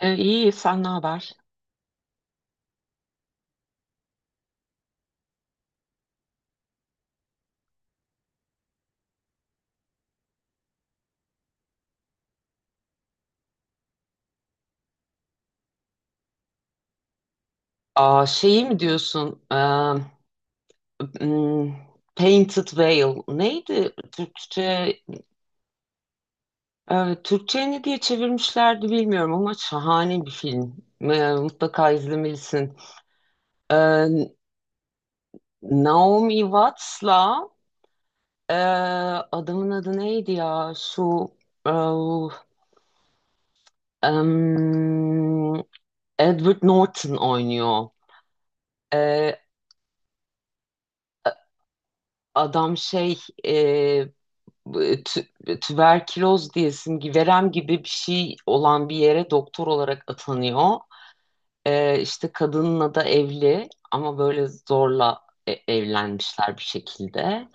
İyi, sen ne haber? Aa, şeyi mi diyorsun? M, Painted Veil. Neydi Türkçe? Türkçe'ye ne diye çevirmişlerdi bilmiyorum ama şahane bir film. Mutlaka izlemelisin. Ee, Naomi Watts'la ee, adamın adı neydi ya? Ee, em, Edward Norton oynuyor. Ee, Adam e, tüberküloz diyesin gibi verem gibi bir şey olan bir yere doktor olarak atanıyor. İşte kadınla da evli ama böyle zorla evlenmişler bir şekilde.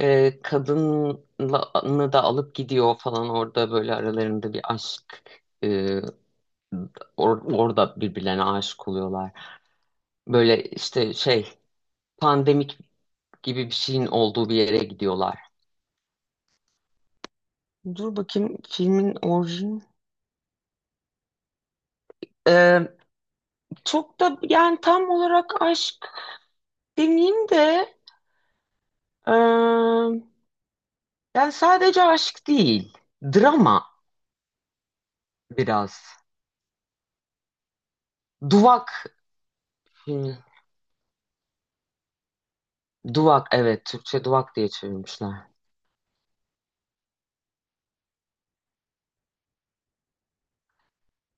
Kadını da alıp gidiyor falan, orada böyle aralarında bir aşk, e, orada birbirlerine aşık oluyorlar. Böyle işte şey pandemik gibi bir şeyin olduğu bir yere gidiyorlar. Dur bakayım filmin orijin. Çok da yani tam olarak aşk demeyeyim de, eee, yani sadece aşk değil. Drama biraz. Duvak. Hmm, Duvak, evet, Türkçe duvak diye çevirmişler.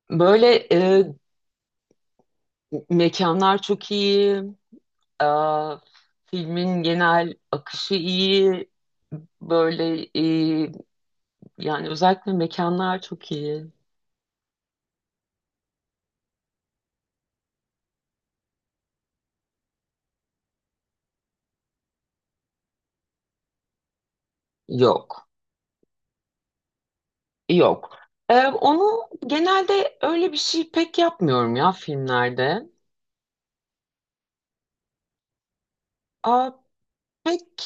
Böyle Mekanlar çok iyi. eee, Filmin genel akışı iyi. Böyle Yani özellikle mekanlar çok iyi. Yok. Yok. Onu genelde öyle bir şey pek yapmıyorum ya filmlerde. Aa, pek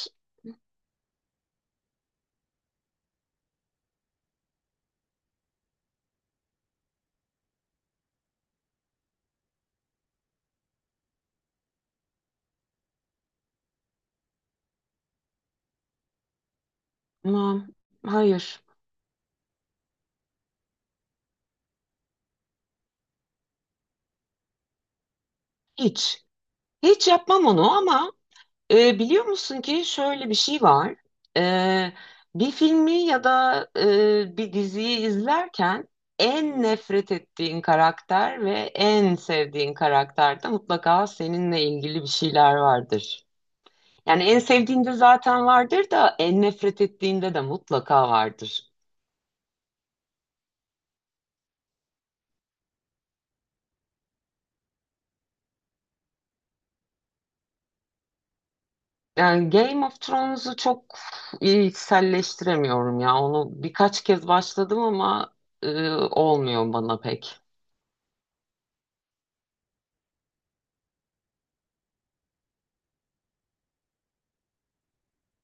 ama hayır. Hiç. Hiç yapmam onu ama biliyor musun ki şöyle bir şey var. Ee, Bir filmi ya da bir diziyi izlerken en nefret ettiğin karakter ve en sevdiğin karakterde mutlaka seninle ilgili bir şeyler vardır. Yani en sevdiğinde zaten vardır da en nefret ettiğinde de mutlaka vardır. Yani Game of Thrones'u çok içselleştiremiyorum ya. Onu birkaç kez başladım ama olmuyor bana pek.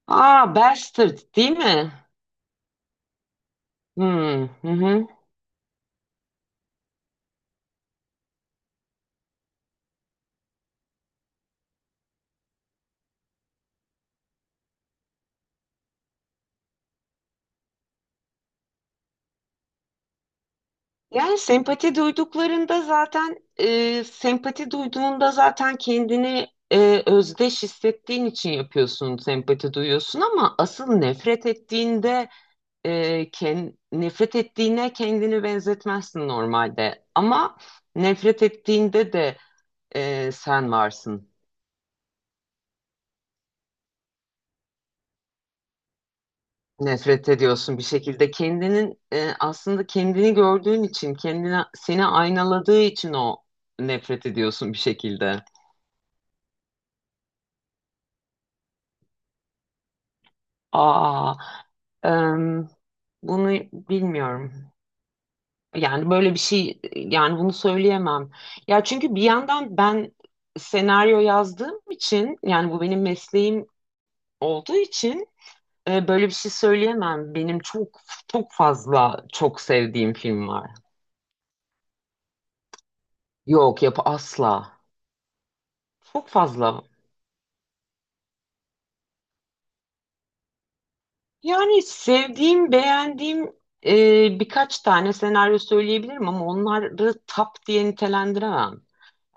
Aa, Bastard değil mi? Hmm, hı hı. Yani sempati duyduklarında zaten sempati duyduğunda zaten kendini özdeş hissettiğin için yapıyorsun, sempati duyuyorsun, ama asıl nefret ettiğinde nefret ettiğine kendini benzetmezsin normalde. Ama nefret ettiğinde de sen varsın. Nefret ediyorsun bir şekilde. Kendinin aslında kendini gördüğün için, kendine seni aynaladığı için o nefret ediyorsun bir şekilde. Aa, em, Bunu bilmiyorum. Yani böyle bir şey, yani bunu söyleyemem. Ya çünkü bir yandan ben senaryo yazdığım için, yani bu benim mesleğim olduğu için böyle bir şey söyleyemem. Benim çok çok fazla çok sevdiğim film var. Yok, yapı asla. Çok fazla. Yani sevdiğim, beğendiğim, e, birkaç tane senaryo söyleyebilirim ama onları top diye nitelendiremem.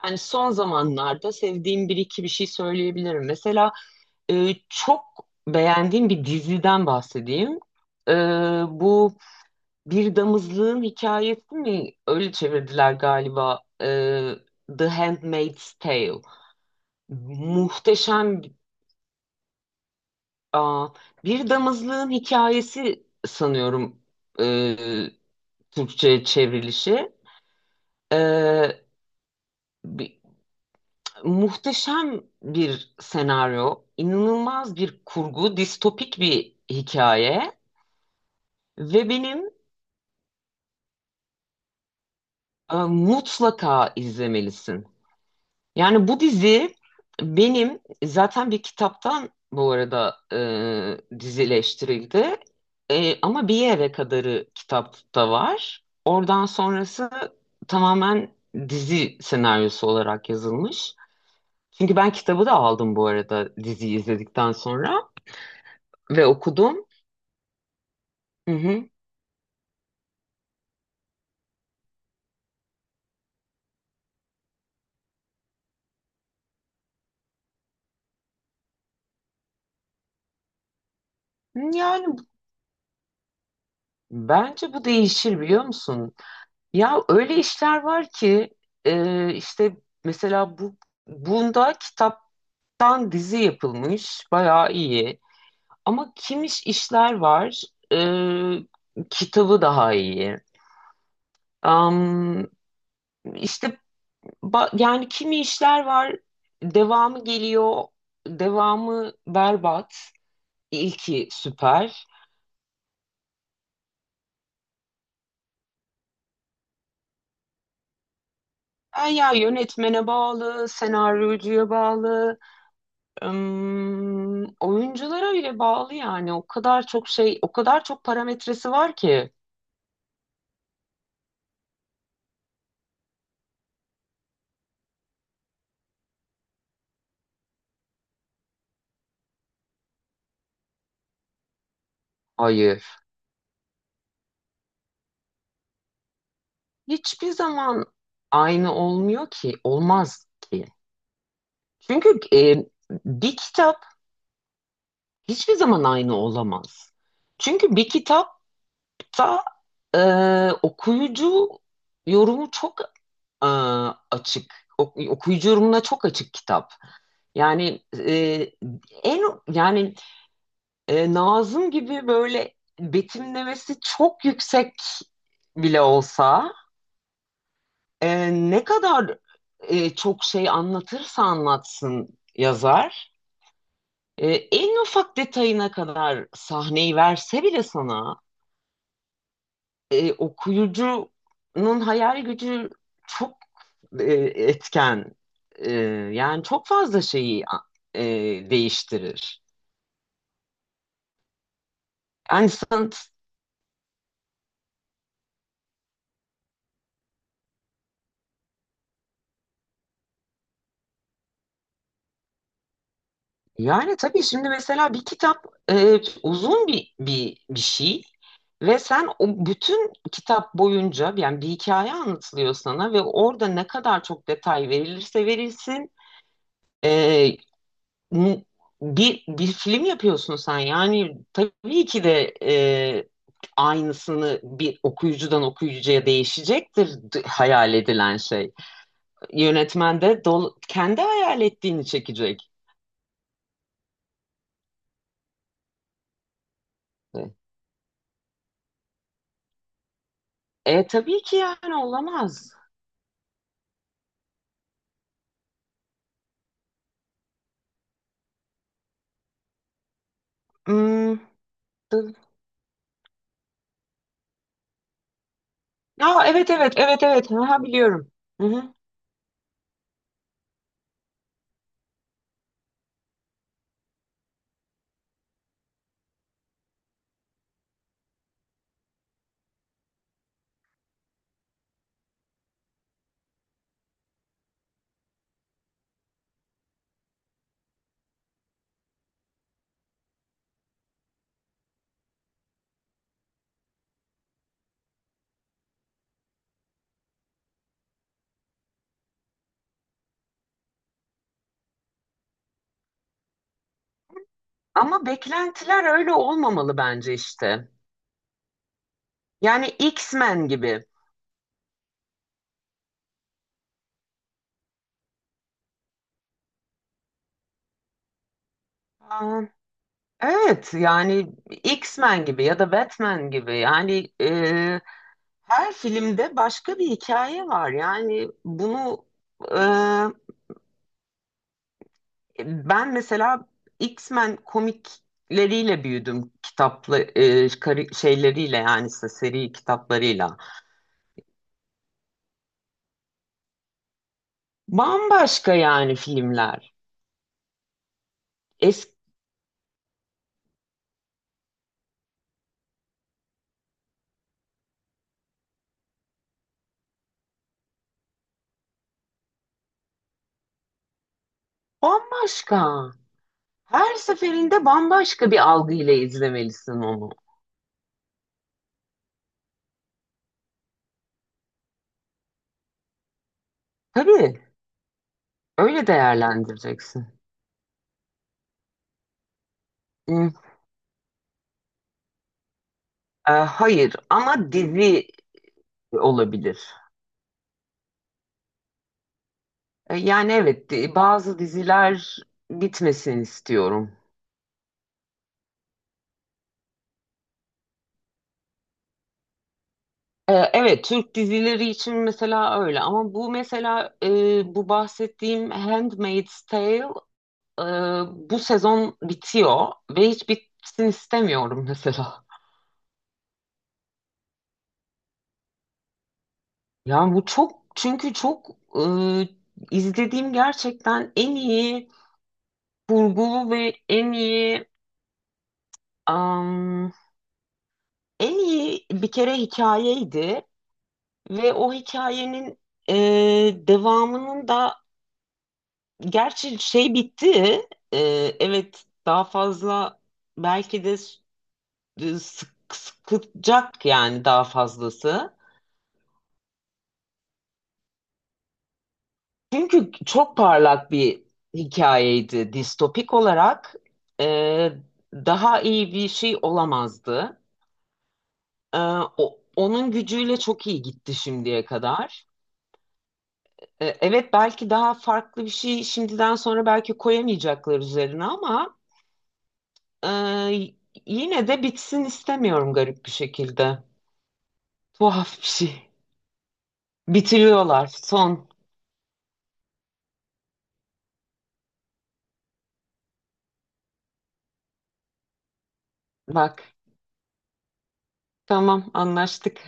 Yani son zamanlarda sevdiğim bir iki bir şey söyleyebilirim. Mesela çok beğendiğim bir diziden bahsedeyim. E, Bu Bir damızlığın hikayesi mi? Öyle çevirdiler galiba. The Handmaid's Tale. Muhteşem. Aa, bir damızlığın hikayesi sanıyorum ee, Türkçe'ye çevrilişi. Ee, bi- Muhteşem bir senaryo, inanılmaz bir kurgu, distopik bir hikaye ve benim, mutlaka izlemelisin. Yani bu dizi benim zaten bir kitaptan, bu arada, dizileştirildi. E, ama bir yere kadarı kitapta var. Oradan sonrası tamamen dizi senaryosu olarak yazılmış. Çünkü ben kitabı da aldım bu arada diziyi izledikten sonra ve okudum. Hı hı. Yani bence bu değişir, biliyor musun? Ya öyle işler var ki işte mesela bunda kitap Dan dizi yapılmış, bayağı iyi. Ama Kimiş işler var, kitabı daha iyi. Am, işte yani kimi işler var. Devamı geliyor. Devamı berbat, ilki süper. Ha, ya yönetmene bağlı, senaryocuya bağlı, oyunculara bile bağlı yani. O kadar çok şey, o kadar çok parametresi var ki. Hayır. Hiçbir zaman aynı olmuyor ki, olmaz ki. Çünkü bir kitap hiçbir zaman aynı olamaz. Çünkü bir kitapta e, okuyucu yorumu çok e, açık. Okuyucu yorumuna çok açık kitap. Yani e, en yani e, Nazım gibi böyle betimlemesi çok yüksek bile olsa, ne kadar çok şey anlatırsa anlatsın yazar, en ufak detayına kadar sahneyi verse bile sana, okuyucunun hayal gücü çok e, etken. E, Yani çok fazla şeyi e, değiştirir. Yani sanat. Yani tabii şimdi mesela bir kitap, uzun bir, bir şey, ve sen o bütün kitap boyunca, yani bir hikaye anlatılıyor sana ve orada ne kadar çok detay verilirse verilsin, e, n- bir film yapıyorsun sen, yani tabii ki de aynısını, bir okuyucudan okuyucuya değişecektir hayal edilen şey. Yönetmen de kendi hayal ettiğini çekecek. E tabii ki yani olamaz. Hmm, dı- Ya evet, evet, evet, evet, ha, biliyorum. Hı hı. Ama beklentiler öyle olmamalı bence işte. Yani X-Men gibi. Aa, evet, yani X-Men gibi ya da Batman gibi. Yani her filmde başka bir hikaye var. Yani bunu, e, ben mesela X-Men komikleriyle büyüdüm, kitaplı şeyleriyle, yani işte seri kitaplarıyla. Bambaşka yani filmler. Eski bambaşka. Her seferinde bambaşka bir algıyla izlemelisin onu. Tabii öyle değerlendireceksin. Hmm, hayır ama dizi olabilir. Yani evet, bazı diziler bitmesin istiyorum. E, evet, Türk dizileri için mesela öyle ama bu mesela, bu bahsettiğim Handmaid's Tale, e, bu sezon bitiyor ve hiç bitsin istemiyorum mesela. Yani bu çok, çünkü çok, e, izlediğim gerçekten en iyi kurgulu ve en iyi, am, en iyi bir kere hikayeydi ve o hikayenin e, devamının da, gerçi şey, bitti. E, evet, daha fazla belki de sıkacak, yani daha fazlası. Çünkü çok parlak bir hikayeydi. Distopik olarak e, daha iyi bir şey olamazdı. E, Onun gücüyle çok iyi gitti şimdiye kadar. E, evet, belki daha farklı bir şey şimdiden sonra belki koyamayacaklar üzerine ama e, yine de bitsin istemiyorum, garip bir şekilde. Tuhaf bir şey. Bitiriyorlar. Son. Bak. Tamam, anlaştık.